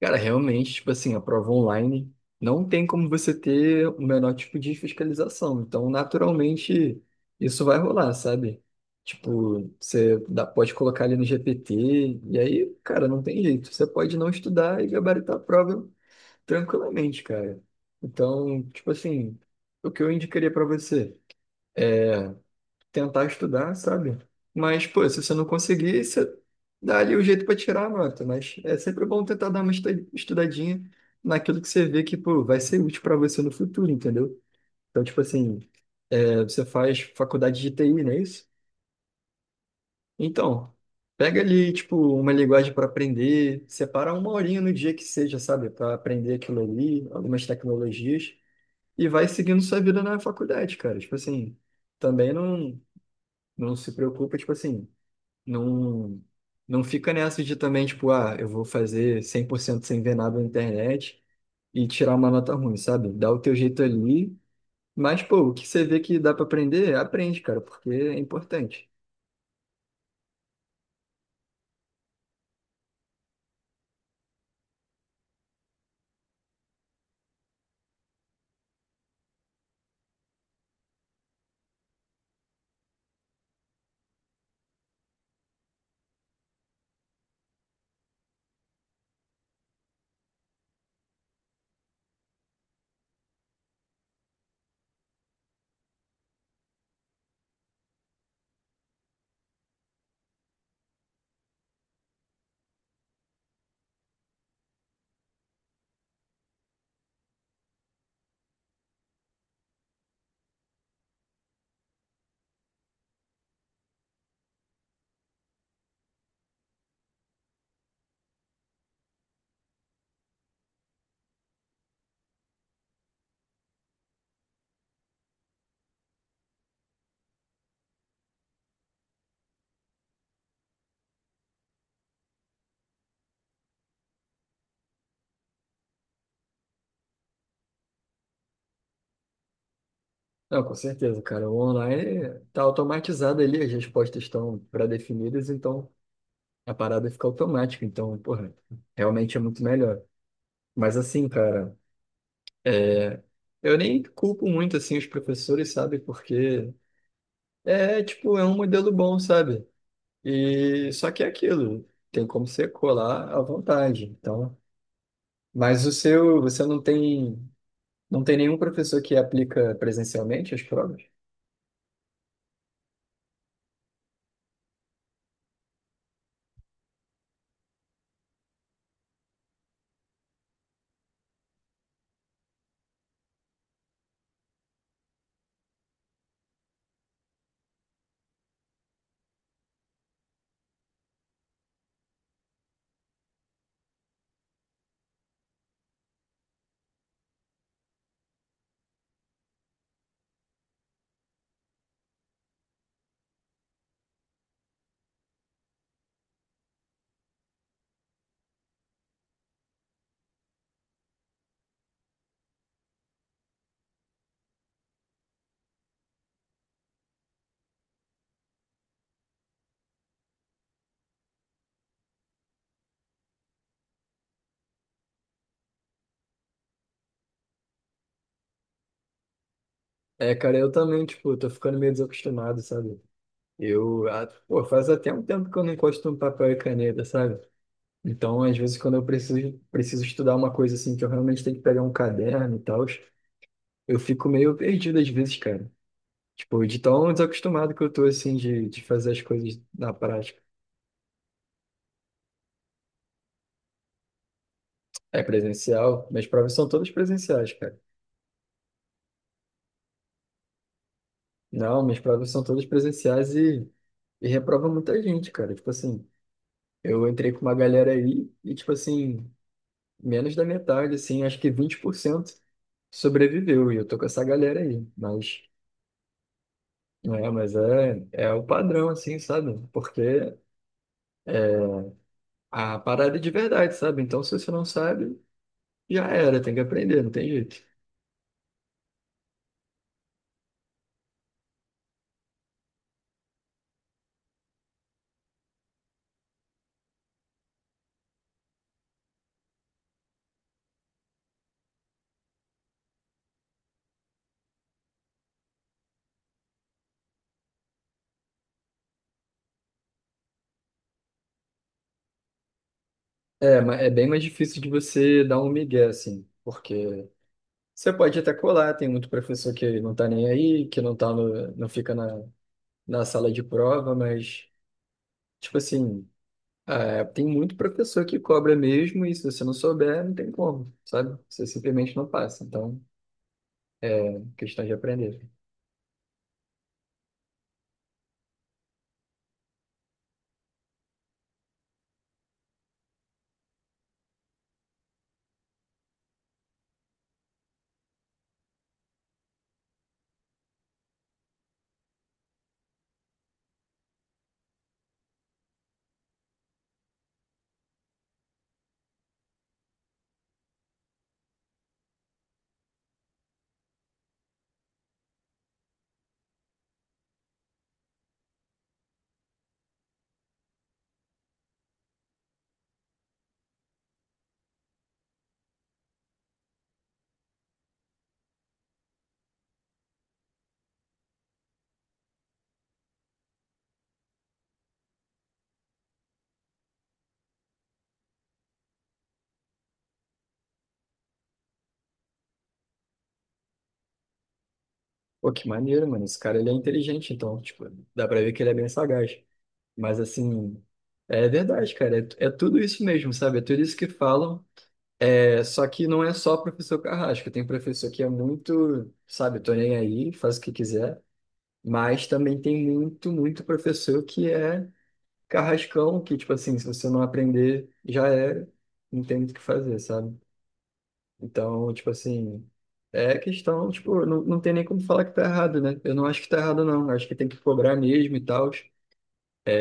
Cara, realmente, tipo assim, a prova online não tem como você ter o menor tipo de fiscalização. Então, naturalmente, isso vai rolar, sabe? Tipo, pode colocar ali no GPT, e aí, cara, não tem jeito. Você pode não estudar e gabaritar a prova tranquilamente, cara. Então, tipo assim, o que eu indicaria pra você? Tentar estudar, sabe? Mas, pô, se você não conseguir, você dá ali o jeito para tirar a nota. Mas é sempre bom tentar dar uma estudadinha naquilo que você vê que, pô, vai ser útil para você no futuro, entendeu? Então, tipo assim, você faz faculdade de TI, não é isso? Então, pega ali, tipo, uma linguagem para aprender, separa uma horinha no dia que seja, sabe? Para aprender aquilo ali, algumas tecnologias, e vai seguindo sua vida na faculdade, cara. Tipo assim, também não, não se preocupa, tipo assim. Não, não fica nessa de também, tipo, ah, eu vou fazer 100% sem ver nada na internet e tirar uma nota ruim, sabe? Dá o teu jeito ali, mas, pô, o que você vê que dá pra aprender, aprende, cara, porque é importante. Não, com certeza, cara. O online tá automatizado ali, as respostas estão pré-definidas, então a parada fica automática. Então, porra, realmente é muito melhor. Mas assim, cara, é... eu nem culpo muito, assim, os professores, sabe? Porque é, tipo, é um modelo bom, sabe? E só que é aquilo, tem como você colar à vontade. Então, mas o seu, você não tem, não tem nenhum professor que aplica presencialmente as provas? É, cara, eu também, tipo, tô ficando meio desacostumado, sabe? Eu, ah, pô, faz até um tempo que eu não encosto um papel e caneta, sabe? Então, às vezes, quando eu preciso estudar uma coisa assim, que eu realmente tenho que pegar um caderno e tal, eu fico meio perdido às vezes, cara. Tipo, de tão desacostumado que eu tô, assim, de fazer as coisas na prática. É presencial. Minhas provas são todas presenciais, cara. Não, minhas provas são todas presenciais e reprova muita gente, cara. Tipo assim, eu entrei com uma galera aí e, tipo assim, menos da metade, assim, acho que 20% sobreviveu. E eu tô com essa galera aí. Mas, não é, mas é, é o padrão, assim, sabe? Porque a parada é de verdade, sabe? Então, se você não sabe, já era, tem que aprender, não tem jeito. É, é bem mais difícil de você dar um migué, assim, porque você pode até colar, tem muito professor que não tá nem aí, que não fica na sala de prova, mas, tipo assim, é, tem muito professor que cobra mesmo, e se você não souber, não tem como, sabe? Você simplesmente não passa, então, questão de aprender. Pô, que maneiro, mano, esse cara, ele é inteligente, então, tipo, dá pra ver que ele é bem sagaz. Mas, assim, é verdade, cara, é, é tudo isso mesmo, sabe? É tudo isso que falam. É, só que não é só professor carrasco, tem professor que é muito, sabe, tô nem aí, faz o que quiser, mas também tem muito professor que é carrascão, que, tipo assim, se você não aprender, já era, não tem muito o que fazer, sabe? Então, tipo assim, é questão, tipo, não, não tem nem como falar que tá errado, né? Eu não acho que tá errado, não, acho que tem que cobrar mesmo e tal,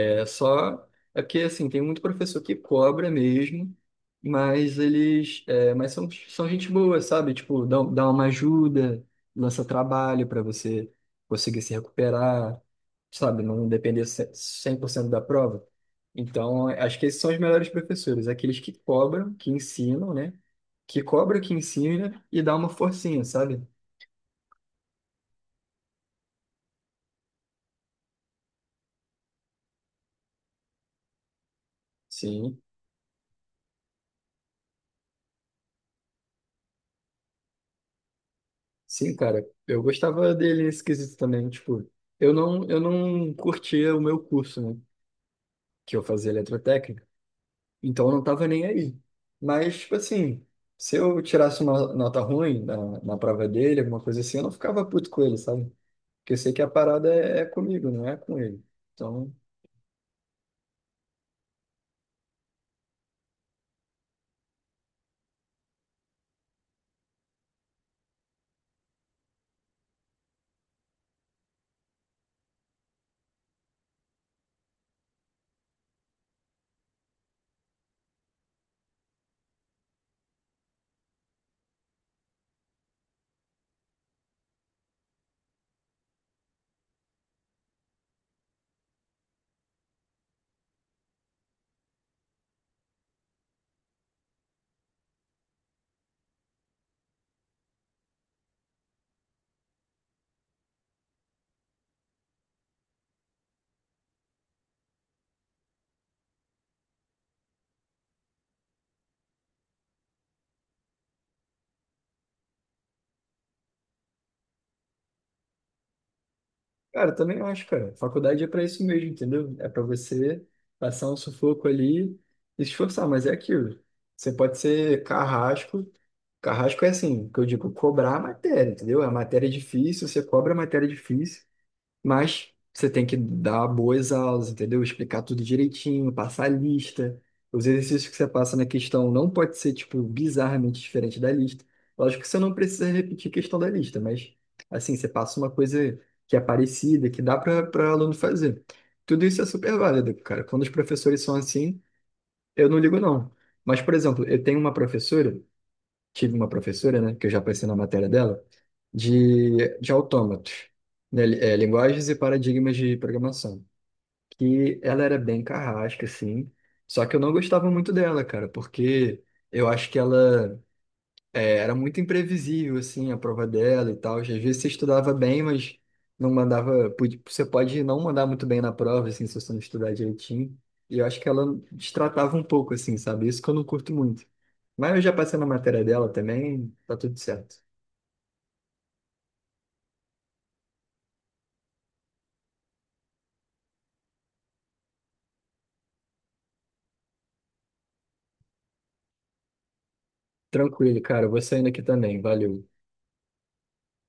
é só. É porque, assim, tem muito professor que cobra mesmo, mas eles. É, mas são, são gente boa, sabe? Tipo, dá uma ajuda, lança trabalho para você conseguir se recuperar, sabe? Não depender 100% da prova. Então, acho que esses são os melhores professores, aqueles que cobram, que ensinam, né? Que cobra, que ensina e dá uma forcinha, sabe? Sim. Sim, cara, eu gostava dele esquisito também, tipo, eu não curtia o meu curso, né, que eu fazia eletrotécnica, então eu não tava nem aí. Mas, tipo assim, se eu tirasse uma nota ruim na prova dele, alguma coisa assim, eu não ficava puto com ele, sabe? Porque eu sei que a parada é, é comigo, não é com ele. Então, cara, também eu acho, cara, faculdade é pra isso mesmo, entendeu? É pra você passar um sufoco ali e se esforçar, mas é aquilo. Você pode ser carrasco. Carrasco é assim, que eu digo cobrar a matéria, entendeu? A matéria é difícil, você cobra a matéria é difícil, mas você tem que dar boas aulas, entendeu? Explicar tudo direitinho, passar a lista. Os exercícios que você passa na questão não pode ser, tipo, bizarramente diferente da lista. Lógico que você não precisa repetir a questão da lista, mas, assim, você passa uma coisa que é parecida, que dá para o aluno fazer. Tudo isso é super válido, cara. Quando os professores são assim, eu não ligo, não. Mas, por exemplo, eu tenho uma professora tive uma professora, né, que eu já passei na matéria dela, de autômatos, né, linguagens e paradigmas de programação, que ela era bem carrasca, assim, só que eu não gostava muito dela, cara, porque eu acho que ela era muito imprevisível, assim, a prova dela e tal. Às vezes você estudava bem, mas não mandava. Pode- Você pode não mandar muito bem na prova, assim, se você não estudar direitinho. E eu acho que ela destratava um pouco, assim, sabe? Isso que eu não curto muito. Mas eu já passei na matéria dela também, tá tudo certo. Tranquilo, cara. Eu vou saindo aqui também. Valeu.